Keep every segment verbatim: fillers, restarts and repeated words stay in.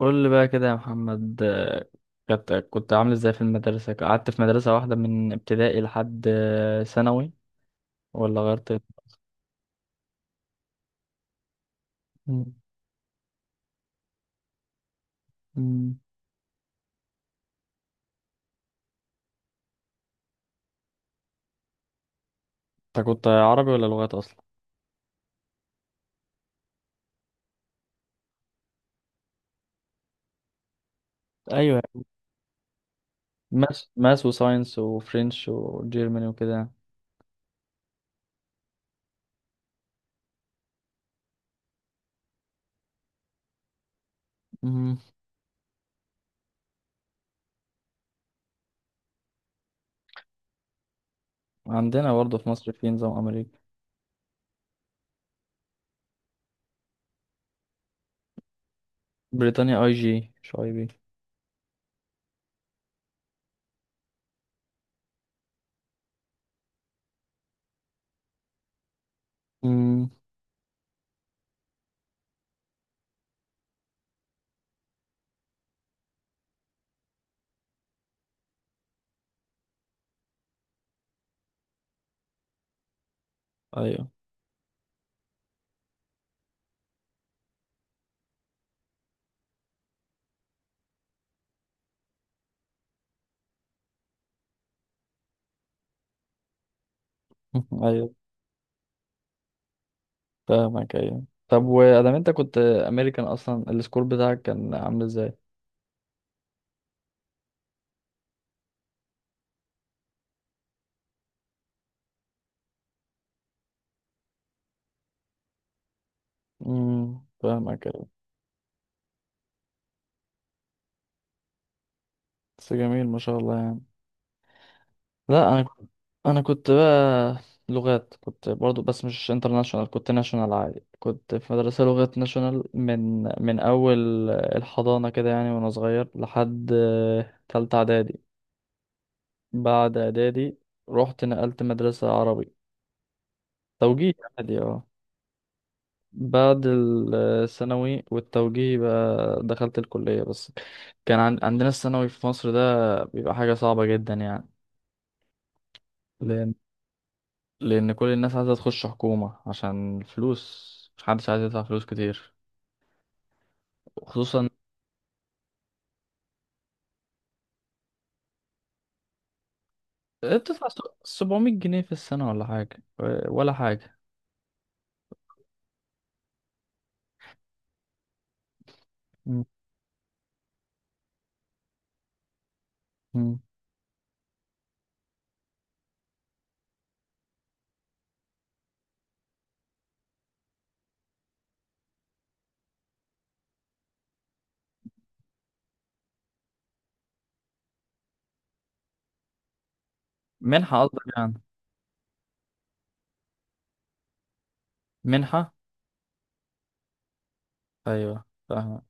قول لي بقى كده يا محمد، آه، كنت كنت عامل ازاي في المدرسة؟ قعدت في مدرسة واحدة من ابتدائي لحد آه، ثانوي ولا غيرت؟ مم. مم. انت كنت عربي ولا لغات اصلا؟ ايوه، ماس ماس وساينس وفرنش وجيرماني وكده. مم. عندنا برضه في مصر في نظام امريكي. بريطانيا اي جي مش اي بي. مم. ايوه. ايوه، فاهمك. ايوه، طب وادام انت كنت امريكان اصلا السكور بتاعك كان عامل ازاي؟ مم، فاهمك. بس جميل ما شاء الله يعني. لا انا كنت- انا كنت بقى لغات، كنت برضو بس مش انترناشونال، كنت ناشونال عادي. كنت في مدرسة لغات ناشونال من من اول الحضانة كده يعني، وانا صغير لحد تالتة اعدادي. بعد اعدادي رحت نقلت مدرسة عربي توجيه عادي، اه بعد الثانوي والتوجيه بقى دخلت الكلية بس. كان عن... عندنا الثانوي في مصر ده بيبقى حاجة صعبة جدا يعني، لأن لأن كل الناس عايزة تخش حكومة عشان الفلوس، مش حدش عايز يدفع فلوس كتير، خصوصا بتدفع سبعمية جنيه في السنة ولا حاجة، ولا حاجة. مم. مم. منحة قصدك يعني؟ منحة، أيوة فاهمة.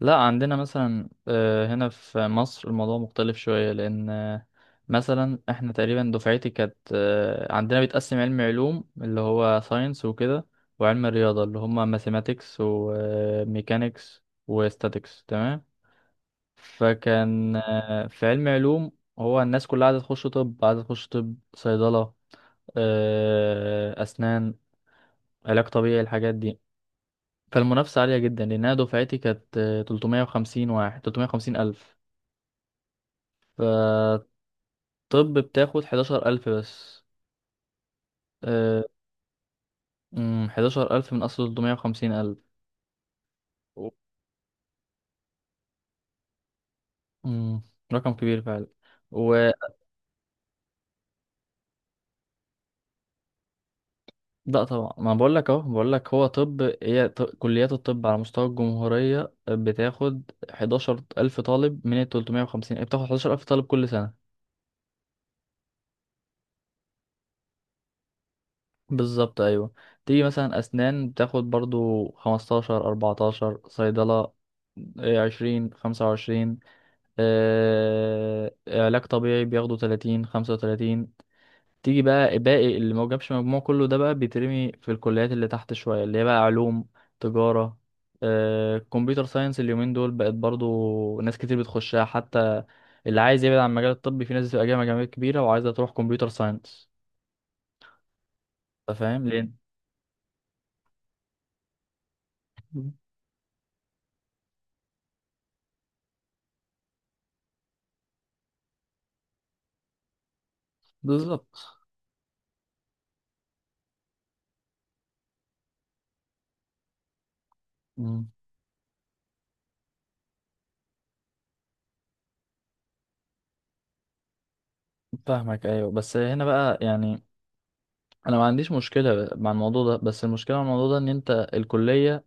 لا، عندنا مثلا آه، هنا في مصر الموضوع مختلف شوية لأن آه، مثلا احنا تقريبا دفعتي كانت آه، عندنا بيتقسم علم علوم اللي هو ساينس وكده، وعلم الرياضة اللي هما ماثيماتكس وميكانيكس وستاتكس. تمام. فكان آه، في علم علوم، هو الناس كلها عايزة تخش طب، عايزة تخش طب، صيدلة، آه، أسنان، علاج طبيعي، الحاجات دي. فالمنافسة عالية جدا، لأنها دفعتي كانت آه، ثلاثمائة وخمسين واحد، ثلاثمائة وخمسين ألف. فالطب بتاخد حداشر ألف بس. آه، أمم، حداشر ألف من أصل ثلاثمية وخمسين ألف. أمم، رقم كبير فعلا. و لا طبعا، ما بقول لك اهو، بقول لك هو طب، هي ط... كليات الطب على مستوى الجمهورية بتاخد حداشر ألف طالب من ال ثلاثمائة وخمسين، بتاخد حداشر ألف طالب كل سنة. بالظبط، ايوه. تيجي مثلا اسنان بتاخد برضو خمستاشر، أربعتاشر. صيدلة، إيه، عشرين، خمسة وعشرين. آه... علاج طبيعي بياخدوا ثلاثين، خمسة وثلاثين. تيجي بقى باقي اللي ما جابش مجموع كله ده بقى بيترمي في الكليات اللي تحت شوية، اللي هي بقى علوم، تجارة، آه، كمبيوتر ساينس. اليومين دول بقت برضو ناس كتير بتخشها، حتى اللي عايز يبعد عن المجال الطبي في ناس بتبقى جايه مجاميع كبيرة وعايزة تروح كمبيوتر ساينس. انت فاهم ليه؟ بالظبط. مم، فاهمك. ايوه، بس هنا بقى يعني، انا ما عنديش مشكلة مع الموضوع ده، بس المشكلة مع الموضوع ده ان انت الكلية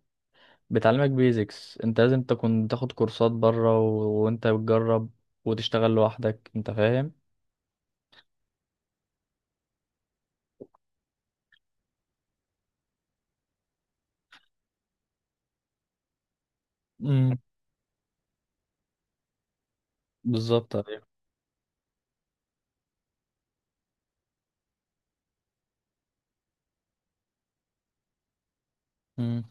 بتعلمك بيزكس، انت لازم تكون تاخد كورسات بره و... وانت بتجرب وتشتغل لوحدك، انت فاهم. امم. بالظبط، ايوه. امم.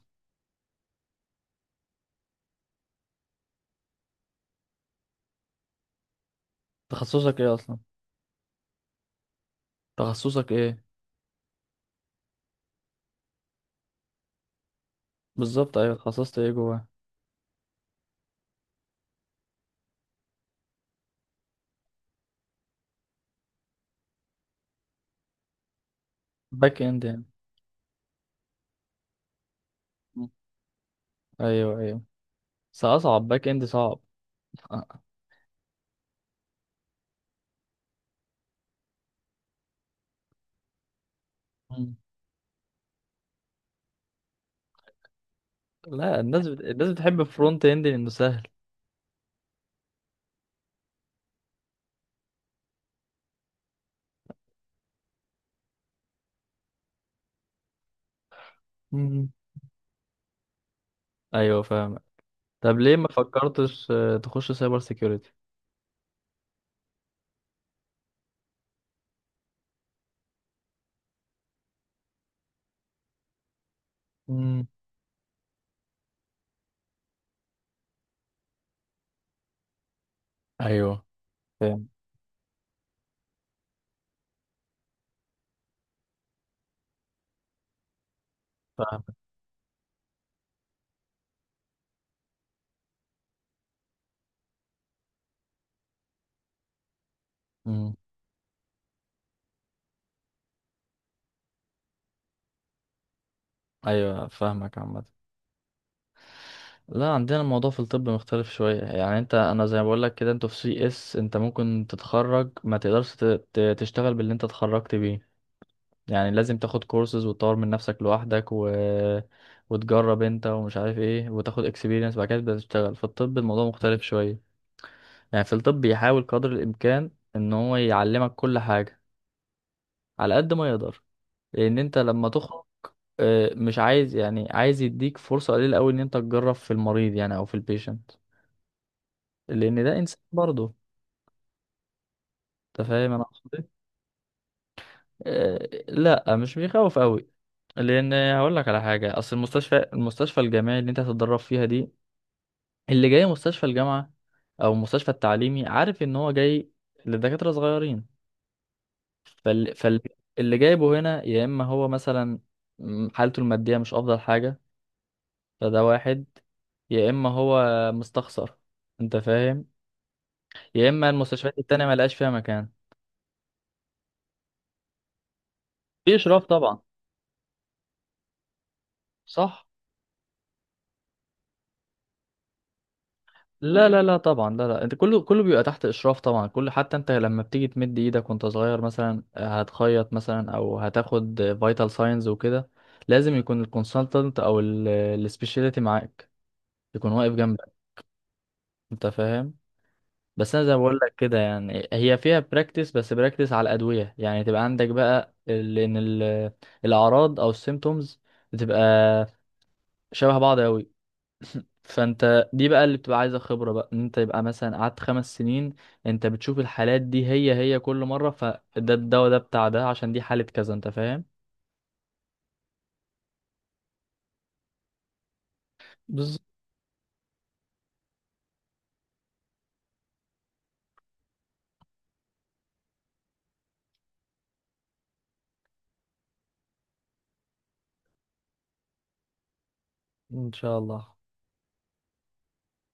تخصصك ايه اصلا؟ تخصصك ايه؟ بالظبط، ايوه، تخصصت ايه جوه؟ باك اند يعني؟ مم. ايوه، ايوه. بس اصعب، باك اند صعب. آه. امم. لا، الناس بت... الناس بتحب فرونت اند لانه سهل. امم. ايوه، فاهم. طب ليه ما فكرتش آه، تخش سايبر سيكيورتي؟ أمم. ايوه، فاهم فاهم. مم. ايوه، فاهمك عامه. لا، عندنا الموضوع في الطب مختلف شوية يعني. انت، انا زي ما بقول لك كده، انتوا في سي اس انت ممكن تتخرج ما تقدرش ت- ت- تشتغل باللي انت اتخرجت بيه. يعني لازم تاخد كورسز وتطور من نفسك لوحدك و... وتجرب انت ومش عارف ايه، وتاخد اكسبيرينس بعد كده تبدأ تشتغل. في الطب الموضوع مختلف شوية، يعني في الطب بيحاول قدر الامكان ان هو يعلمك كل حاجة على قد ما يقدر، لان انت لما تخرج اه، مش عايز، يعني عايز يديك فرصة قليلة قوي ان انت تجرب في المريض يعني، او في البيشنت، لان ده انسان برضه. انت فاهم انا اقصد ايه؟ آه، لا مش بيخوف قوي، لان هقول لك على حاجه. اصل المستشفى المستشفى الجامعي اللي انت هتتدرب فيها دي، اللي جاي مستشفى الجامعه او المستشفى التعليمي، عارف ان هو جاي لدكاتره صغيرين. فال... فال... اللي جايبه هنا، يا اما هو مثلا، م، حالته الماديه مش افضل حاجه، فده واحد، يا اما هو مستخسر، انت فاهم، يا اما المستشفيات التانية ملقاش فيها مكان. في اشراف طبعا. صح. لا لا لا طبعا، لا لا، انت كله كله بيبقى تحت اشراف طبعا. كل حتى انت لما بتيجي تمد ايدك وانت صغير مثلا آه، هتخيط مثلا او هتاخد فيتال ساينز وكده، لازم يكون الكونسلتنت او السبيشاليتي معاك، يكون واقف جنبك. انت فاهم. بس انا زي ما بقول لك كده، يعني هي فيها براكتس، بس براكتس على الادويه يعني. تبقى عندك بقى ال- ان ال- الاعراض او السيمتومز بتبقى شبه بعض قوي. فانت دي بقى اللي بتبقى عايزه خبره، بقى ان انت يبقى مثلا قعدت خمس سنين، انت بتشوف الحالات دي هي هي كل مره، فده الدواء ده بتاع ده عشان دي حاله كذا. انت فاهم؟ بالظبط. ان شاء الله.